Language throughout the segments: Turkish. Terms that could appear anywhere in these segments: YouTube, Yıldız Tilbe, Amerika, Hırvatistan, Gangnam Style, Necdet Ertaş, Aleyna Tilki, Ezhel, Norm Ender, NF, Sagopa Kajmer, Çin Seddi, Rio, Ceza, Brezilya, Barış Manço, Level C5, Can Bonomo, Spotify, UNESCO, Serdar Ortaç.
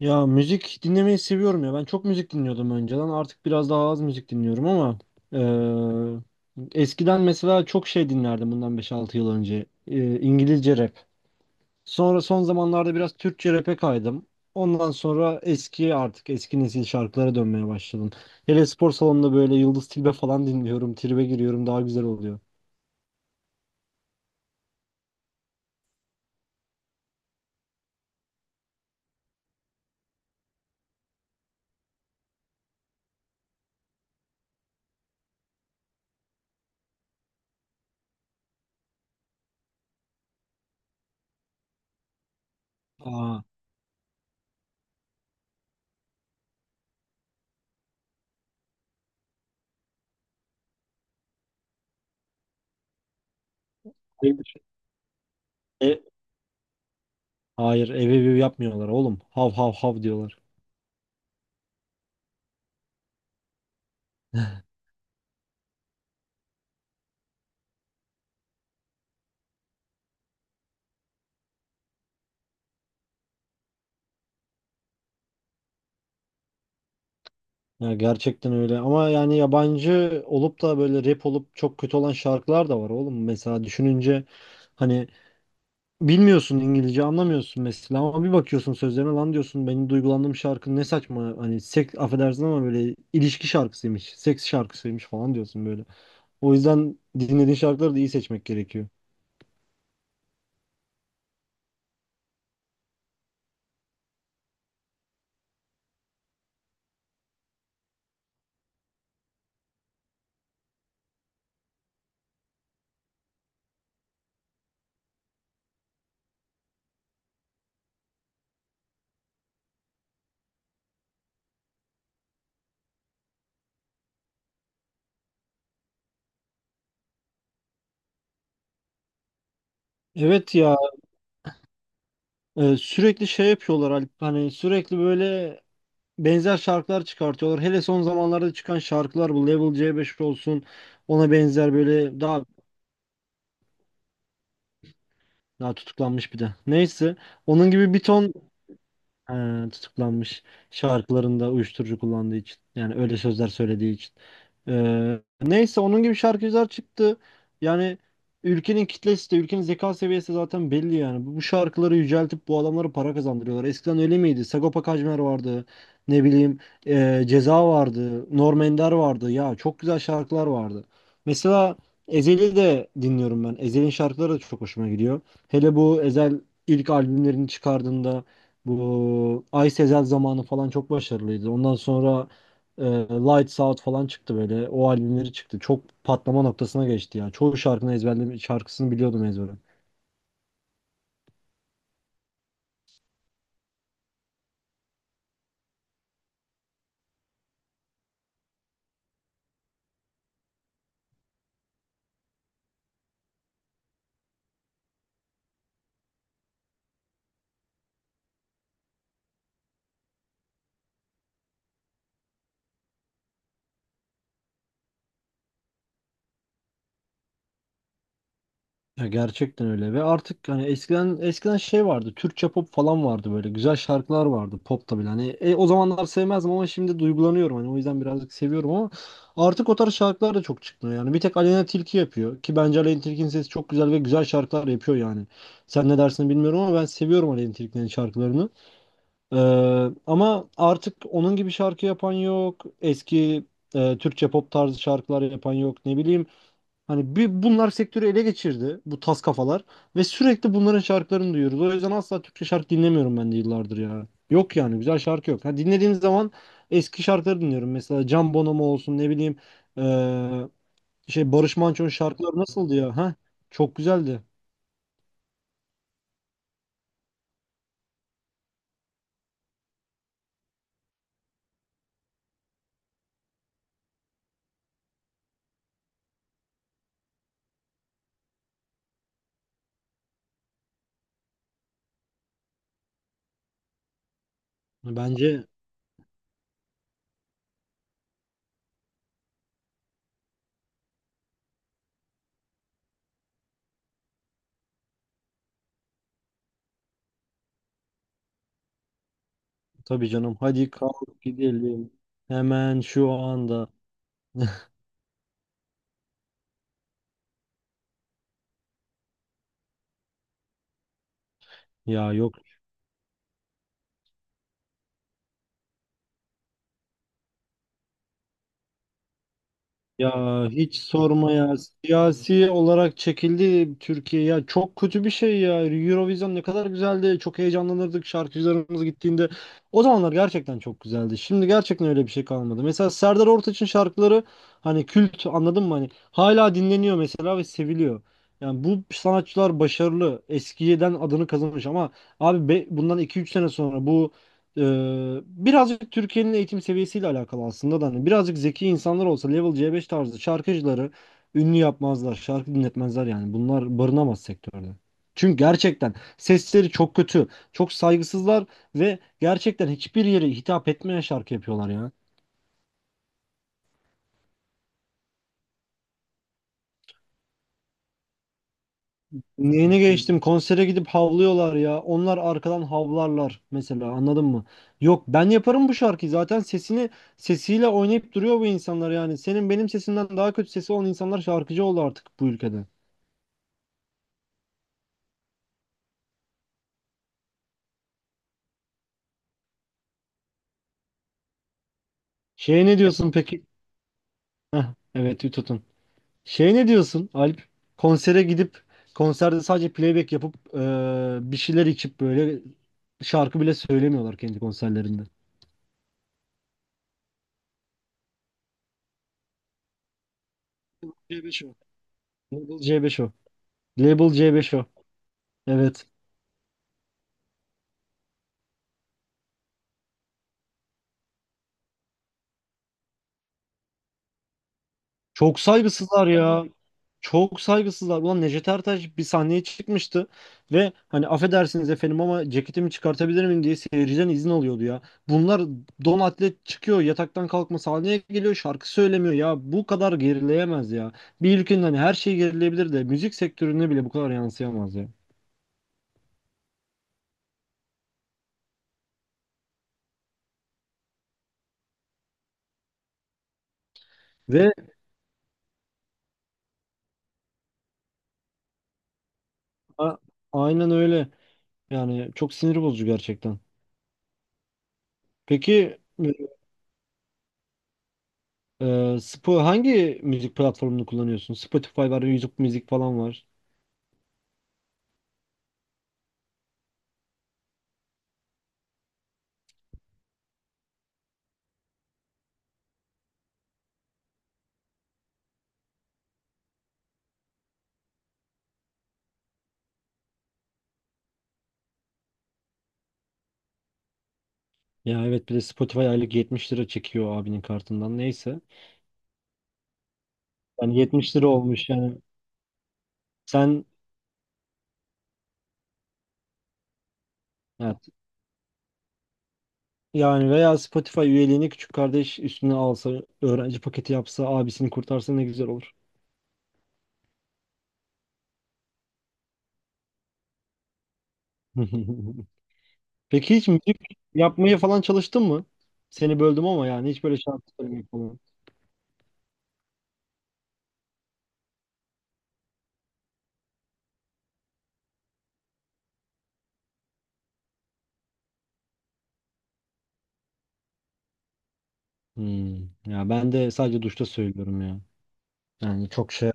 Ya müzik dinlemeyi seviyorum ya. Ben çok müzik dinliyordum önceden. Artık biraz daha az müzik dinliyorum, ama eee, eskiden mesela çok şey dinlerdim bundan beş altı yıl önce. İngilizce rap. Sonra son zamanlarda biraz Türkçe rap'e kaydım. Ondan sonra artık eski nesil şarkılara dönmeye başladım. Hele spor salonunda böyle Yıldız Tilbe falan dinliyorum. Tribe giriyorum, daha güzel oluyor. Aa. Hayır, e- hayır, ev ev ev yapmıyorlar oğlum. Hav hav hav diyorlar. Ya gerçekten öyle, ama yani yabancı olup da böyle rap olup çok kötü olan şarkılar da var oğlum. Mesela düşününce, hani bilmiyorsun, İngilizce anlamıyorsun mesela, ama bir bakıyorsun sözlerine, lan diyorsun, benim duygulandığım şarkı ne saçma, hani seks, affedersin ama, böyle ilişki şarkısıymış, seks şarkısıymış falan diyorsun böyle. O yüzden dinlediğin şarkıları da iyi seçmek gerekiyor. Evet ya, sürekli şey yapıyorlar Alp, hani sürekli böyle benzer şarkılar çıkartıyorlar. Hele son zamanlarda çıkan şarkılar, bu Level C5 olsun, ona benzer böyle, daha tutuklanmış bir de. Neyse. Onun gibi bir ton. Tutuklanmış şarkılarında uyuşturucu kullandığı için. Yani öyle sözler söylediği için. Neyse, onun gibi şarkıcılar çıktı. Yani ülkenin kitlesi de, ülkenin zeka seviyesi zaten belli yani. Bu şarkıları yüceltip bu adamlara para kazandırıyorlar. Eskiden öyle miydi? Sagopa Kajmer vardı. Ne bileyim, Ceza vardı. Norm Ender vardı. Ya, çok güzel şarkılar vardı. Mesela Ezhel'i de dinliyorum ben. Ezhel'in şarkıları da çok hoşuma gidiyor. Hele bu Ezhel ilk albümlerini çıkardığında, bu Ay sezel zamanı falan, çok başarılıydı. Ondan sonra e, Lights Out falan çıktı böyle. O albümleri çıktı. Çok patlama noktasına geçti ya. Çoğu şarkını ezberledim. Şarkısını biliyordum ezbere. Ya gerçekten öyle, ve artık hani eskiden şey vardı, Türkçe pop falan vardı, böyle güzel şarkılar vardı, pop da hani, o zamanlar sevmezdim ama şimdi duygulanıyorum, hani o yüzden birazcık seviyorum, ama artık o tarz şarkılar da çok çıkmıyor yani, bir tek Aleyna Tilki yapıyor ki bence Aleyna Tilki'nin sesi çok güzel ve güzel şarkılar yapıyor yani, sen ne dersin bilmiyorum ama ben seviyorum Aleyna Tilki'nin şarkılarını. Ee, Ama artık onun gibi şarkı yapan yok, eski Türkçe pop tarzı şarkılar yapan yok, ne bileyim. Hani bir, bunlar sektörü ele geçirdi, bu tas kafalar, ve sürekli bunların şarkılarını duyuyoruz. O yüzden asla Türkçe şarkı dinlemiyorum ben de yıllardır ya. Yok yani, güzel şarkı yok. Ha, dinlediğim zaman eski şarkıları dinliyorum. Mesela Can Bonomo olsun, ne bileyim, eee, şey, Barış Manço'nun şarkıları nasıldı ya? Ha? Çok güzeldi. Bence tabii canım. Hadi kalk gidelim. Hemen şu anda. Ya yok. Ya hiç sorma ya. Siyasi olarak çekildi Türkiye ya. Çok kötü bir şey ya. Eurovision ne kadar güzeldi. Çok heyecanlanırdık şarkıcılarımız gittiğinde. O zamanlar gerçekten çok güzeldi. Şimdi gerçekten öyle bir şey kalmadı. Mesela Serdar Ortaç'ın şarkıları, hani kült, anladın mı? Hani hala dinleniyor mesela, ve seviliyor. Yani bu sanatçılar başarılı. Eskiden adını kazanmış, ama abi bundan iki üç sene sonra bu, birazcık Türkiye'nin eğitim seviyesiyle alakalı aslında da, hani birazcık zeki insanlar olsa level C5 tarzı şarkıcıları ünlü yapmazlar, şarkı dinletmezler yani. Bunlar barınamaz sektörde. Çünkü gerçekten sesleri çok kötü, çok saygısızlar, ve gerçekten hiçbir yere hitap etmeyen şarkı yapıyorlar ya. Neyine, geçtim konsere gidip havlıyorlar ya. Onlar arkadan havlarlar mesela, anladın mı? Yok, ben yaparım bu şarkıyı zaten, sesini, sesiyle oynayıp duruyor bu insanlar yani. Senin benim sesimden daha kötü sesi olan insanlar şarkıcı oldu artık bu ülkede. Şeye ne diyorsun peki? Heh, evet, tutun. Şeye ne diyorsun Alp? Konsere gidip konserde sadece playback yapıp bir şeyler içip böyle, şarkı bile söylemiyorlar kendi konserlerinde. Label C5 o. Label C5 o. Label C5 o. Evet. Çok saygısızlar ya. Yani, çok saygısızlar. Ulan Necdet Ertaş bir sahneye çıkmıştı, ve hani affedersiniz efendim ama ceketimi çıkartabilir miyim diye seyirciden izin alıyordu ya. Bunlar don atlet çıkıyor, yataktan kalkma sahneye geliyor, şarkı söylemiyor ya. Bu kadar gerileyemez ya. Bir ülkenin, hani her şey gerilebilir de, müzik sektörüne bile bu kadar yansıyamaz ya. Ve a- aynen öyle. Yani çok sinir bozucu gerçekten. Peki e, hangi müzik platformunu kullanıyorsun? Spotify var, YouTube müzik falan var. Ya evet, bir de Spotify aylık 70 lira çekiyor abinin kartından, neyse. Yani 70 lira olmuş yani. Sen evet, yani, veya Spotify üyeliğini küçük kardeş üstüne alsa, öğrenci paketi yapsa, abisini kurtarsa ne güzel olur. Peki hiç müzik yapmaya falan çalıştın mı? Seni böldüm ama, yani hiç böyle şarkı söylemek falan. Hmm, Ya ben de sadece duşta söylüyorum ya. Yani çok şey.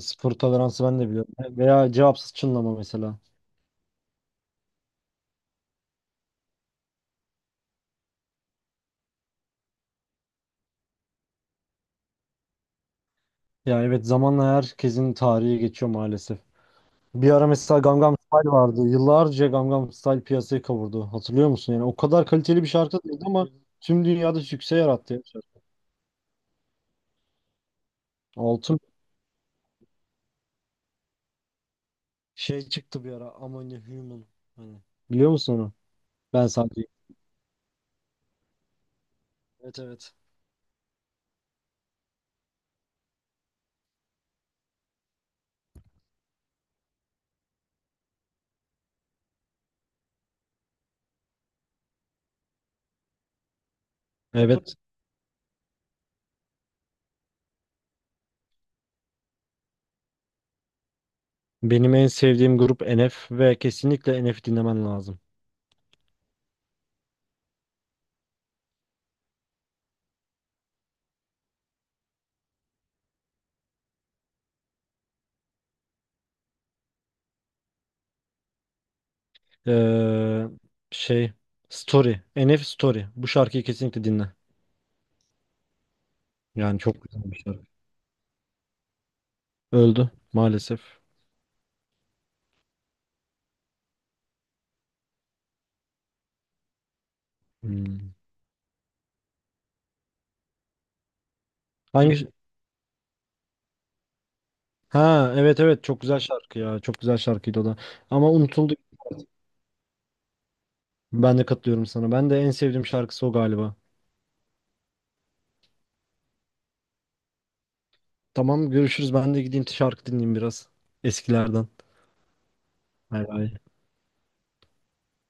Sıfır toleransı ben de biliyorum. Veya cevapsız çınlama mesela. Ya evet, zamanla herkesin tarihi geçiyor maalesef. Bir ara mesela Gangnam Style vardı. Yıllarca Gangnam Style piyasayı kavurdu. Hatırlıyor musun? Yani o kadar kaliteli bir şarkı değildi, ama tüm dünyada sükse yarattı, ya şarkı. Altın şey çıktı bir ara. Among a Human. Hani biliyor musun onu? Ben sadece. Evet evet. Evet. Benim en sevdiğim grup NF, ve kesinlikle NF dinlemen lazım. Ee, Şey Story. NF Story. Bu şarkıyı kesinlikle dinle. Yani çok güzel bir şarkı. Öldü maalesef. Hmm. Hangi Ha, evet evet, çok güzel şarkı ya. Çok güzel şarkıydı o da. Ama unutuldu. Ben de katılıyorum sana. Ben de en sevdiğim şarkısı o galiba. Tamam görüşürüz. Ben de gideyim şarkı dinleyeyim biraz. Eskilerden. Bay bay.